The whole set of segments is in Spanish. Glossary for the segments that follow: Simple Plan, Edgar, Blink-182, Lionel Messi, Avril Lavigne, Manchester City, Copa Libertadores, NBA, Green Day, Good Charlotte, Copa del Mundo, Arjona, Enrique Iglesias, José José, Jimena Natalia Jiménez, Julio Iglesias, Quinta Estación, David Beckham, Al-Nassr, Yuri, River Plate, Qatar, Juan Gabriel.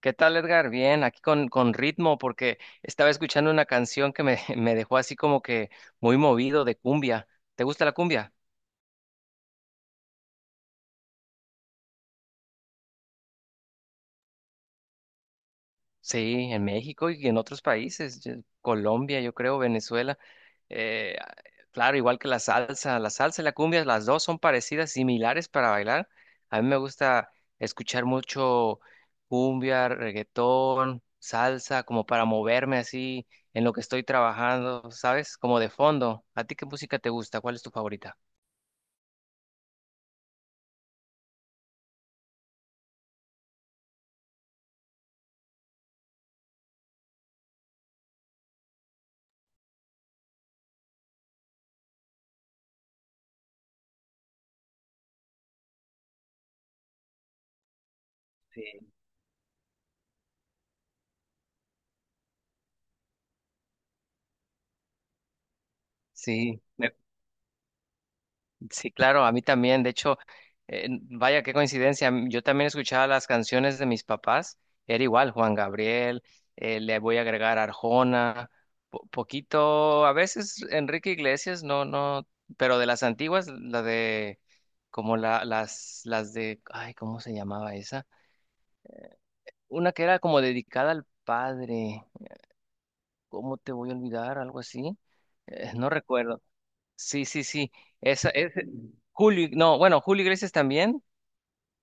¿Qué tal, Edgar? Bien, aquí con ritmo, porque estaba escuchando una canción que me dejó así como que muy movido de cumbia. ¿Te gusta la cumbia? Sí, en México y en otros países, Colombia, yo creo, Venezuela. eh, claro, igual que la salsa y la cumbia, las dos son parecidas, similares para bailar. A mí me gusta escuchar mucho cumbia, reggaetón, salsa, como para moverme así en lo que estoy trabajando, ¿sabes? Como de fondo. ¿A ti qué música te gusta? ¿Cuál es tu favorita? Sí. Sí. Sí, claro, a mí también. De hecho, vaya, qué coincidencia. Yo también escuchaba las canciones de mis papás. Era igual, Juan Gabriel, le voy a agregar Arjona, poquito, a veces Enrique Iglesias, no, no, pero de las antiguas, la de, como la, las de, ay, ¿cómo se llamaba esa? Una que era como dedicada al padre. ¿Cómo te voy a olvidar? Algo así. No recuerdo. Sí, sí, sí. Esa es Julio, no, bueno, Julio Iglesias también.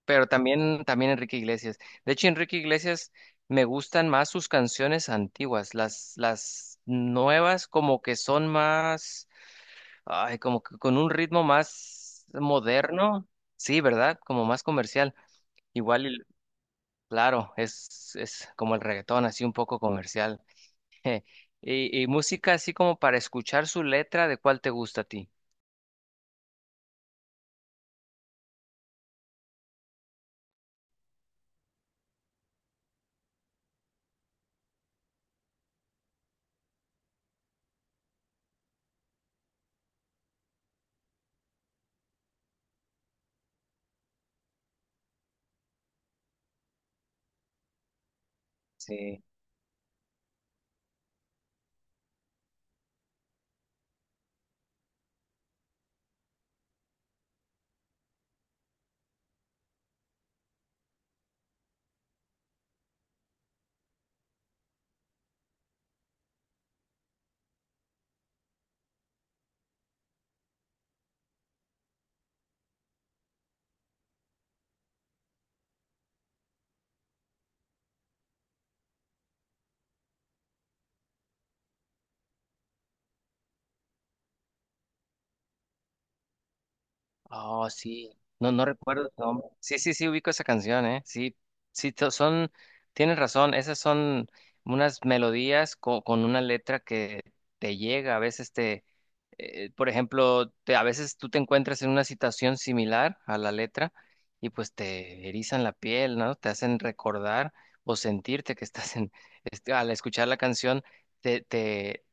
Pero también, también Enrique Iglesias. De hecho, Enrique Iglesias me gustan más sus canciones antiguas. Las nuevas como que son más, ay, como que con un ritmo más moderno. Sí, ¿verdad? Como más comercial. Igual, y- claro, es como el reggaetón, así un poco comercial. Y, y música así como para escuchar su letra, ¿de cuál te gusta a ti? Sí. Oh, sí. No, no recuerdo su nombre. Sí, sí, sí, ubico esa canción, ¿eh? Sí, sí, to- son, tienes razón, esas son unas melodías con una letra que te llega, a veces te, por ejemplo, te, a veces tú te encuentras en una situación similar a la letra y pues te erizan la piel, ¿no? Te hacen recordar o sentirte que estás en, este, al escuchar la canción, te, te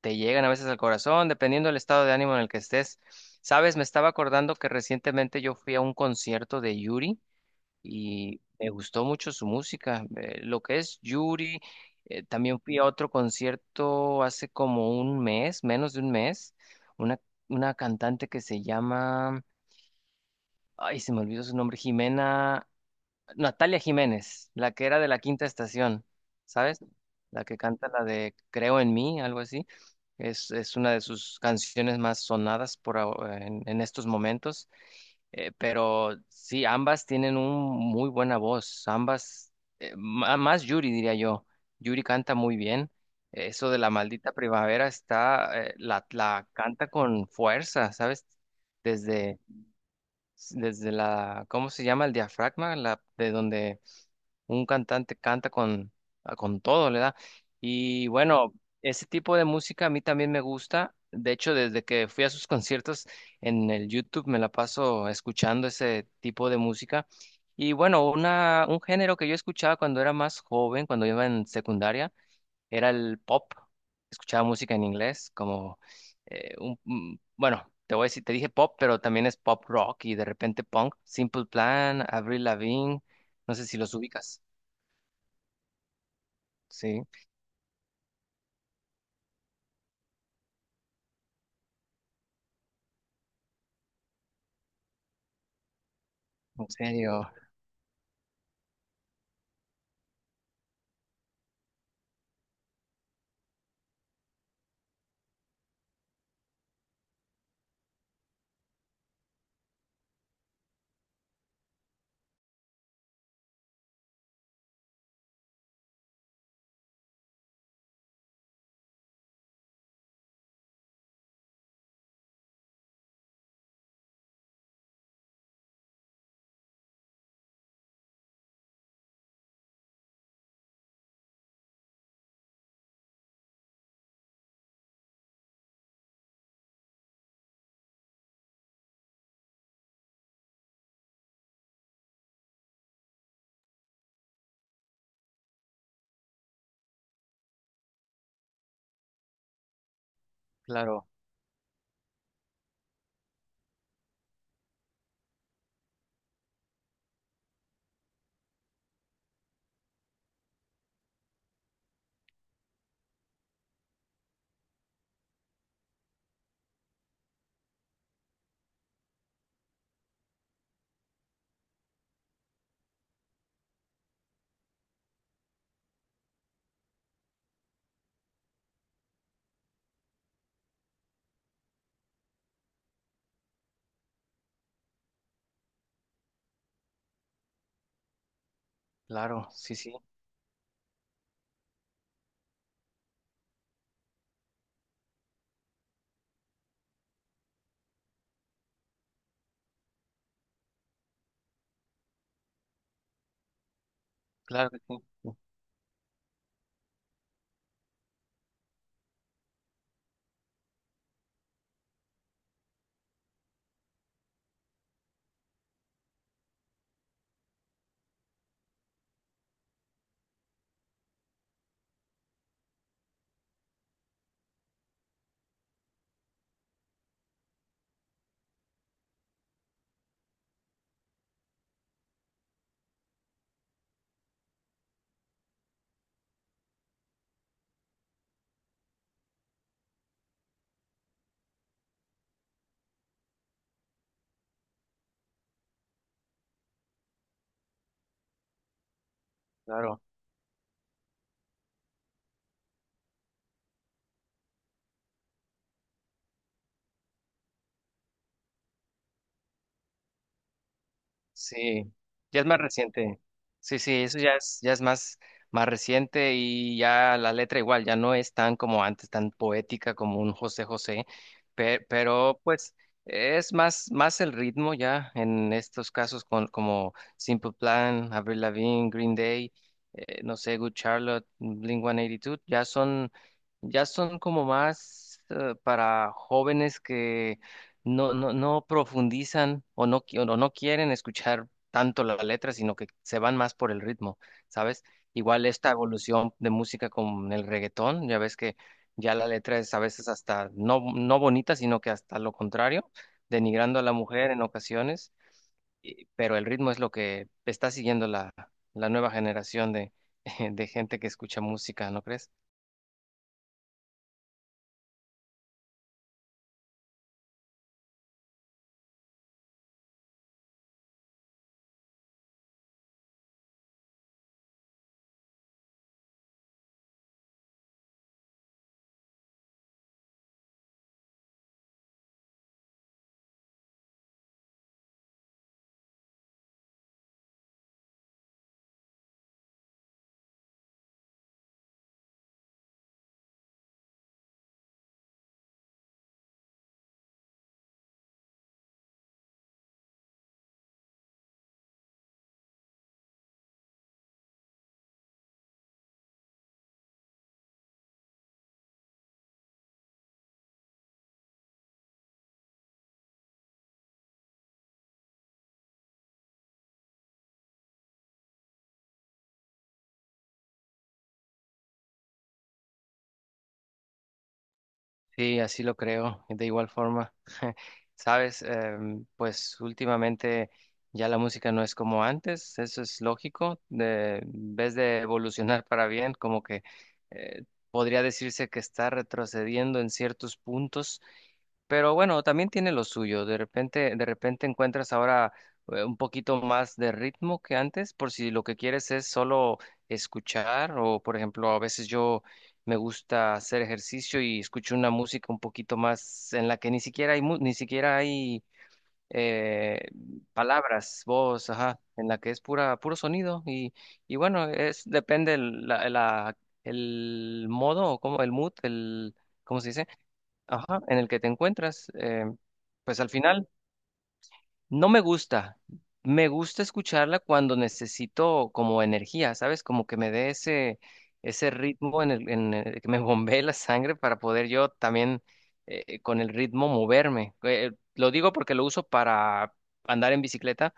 te llegan a veces al corazón, dependiendo del estado de ánimo en el que estés. Sabes, me estaba acordando que recientemente yo fui a un concierto de Yuri y me gustó mucho su música. Lo que es Yuri, también fui a otro concierto hace como un mes, menos de un mes, una, una cantante que se llama, ay, se me olvidó su nombre, Jimena Natalia Jiménez, la que era de la Quinta Estación, ¿sabes? La que canta la de Creo en mí, algo así. Es una de sus canciones más sonadas en estos momentos. Pero sí, ambas tienen un muy buena voz. Ambas, más Yuri, diría yo. Yuri canta muy bien. Eso de la maldita primavera está, la canta con fuerza, ¿sabes? Desde, Desde la, ¿cómo se llama? El diafragma, la, de donde un cantante canta con todo, le da. Y bueno, ese tipo de música a mí también me gusta. De hecho, desde que fui a sus conciertos en el YouTube me la paso escuchando ese tipo de música. Y bueno, un género que yo escuchaba cuando era más joven, cuando iba en secundaria, era el pop. Escuchaba música en inglés, como bueno, te voy a decir, te dije pop, pero también es pop rock y de repente punk. Simple Plan, Avril Lavigne, no sé si los ubicas. Sí, en serio, claro, claro, sí, sí, claro que sí, sí, claro. Sí, ya es más reciente. Sí, sí, eso ya es más, más reciente y ya la letra igual, ya no es tan como antes, tan poética como un José José, pero, pues es más, más el ritmo ya en estos casos con, como Simple Plan, Avril Lavigne, Green Day, no sé, Good Charlotte, Blink-182, ya son como más para jóvenes que no profundizan o no quieren escuchar tanto la letra, sino que se van más por el ritmo, ¿sabes? Igual esta evolución de música con el reggaetón, ya ves que ya la letra es a veces hasta no, no bonita, sino que hasta lo contrario, denigrando a la mujer en ocasiones, pero el ritmo es lo que está siguiendo la nueva generación de, de gente que escucha música, ¿no crees? Sí, así lo creo, de igual forma. Sabes, pues últimamente ya la música no es como antes, eso es lógico. De, en vez de evolucionar para bien, como que eh, podría decirse que está retrocediendo en ciertos puntos. Pero bueno, también tiene lo suyo. De repente encuentras ahora un poquito más de ritmo que antes, por si lo que quieres es solo escuchar, o por ejemplo, a veces yo me gusta hacer ejercicio y escucho una música un poquito más en la que ni siquiera hay eh, palabras, voz, ajá, en la que puro sonido. Y bueno, es depende el modo, como el mood, el, ¿cómo se dice? Ajá, en el que te encuentras, pues al final no me gusta. Me gusta escucharla cuando necesito como energía, ¿sabes? Como que me dé ese ritmo en el que me bombee la sangre para poder yo también con el ritmo moverme. Lo digo porque lo uso para andar en bicicleta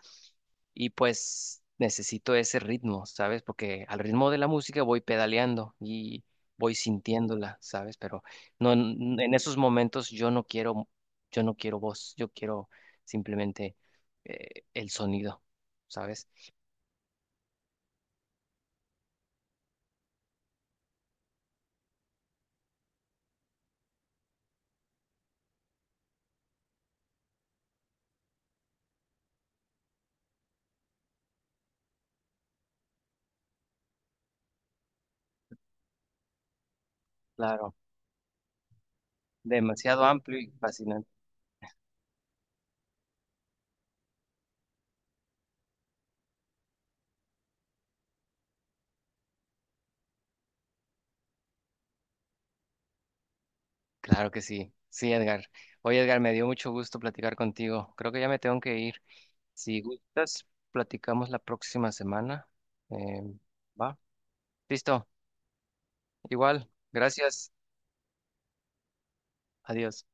y pues necesito ese ritmo, ¿sabes? Porque al ritmo de la música voy pedaleando y voy sintiéndola, ¿sabes? Pero no en en esos momentos yo no quiero, yo no quiero voz, yo quiero simplemente el sonido, ¿sabes? Claro, demasiado amplio y fascinante. Claro que sí. Sí, Edgar. Oye, Edgar, me dio mucho gusto platicar contigo. Creo que ya me tengo que ir. Si gustas, platicamos la próxima semana. Em, ¿Va? Listo. Igual, gracias. Adiós.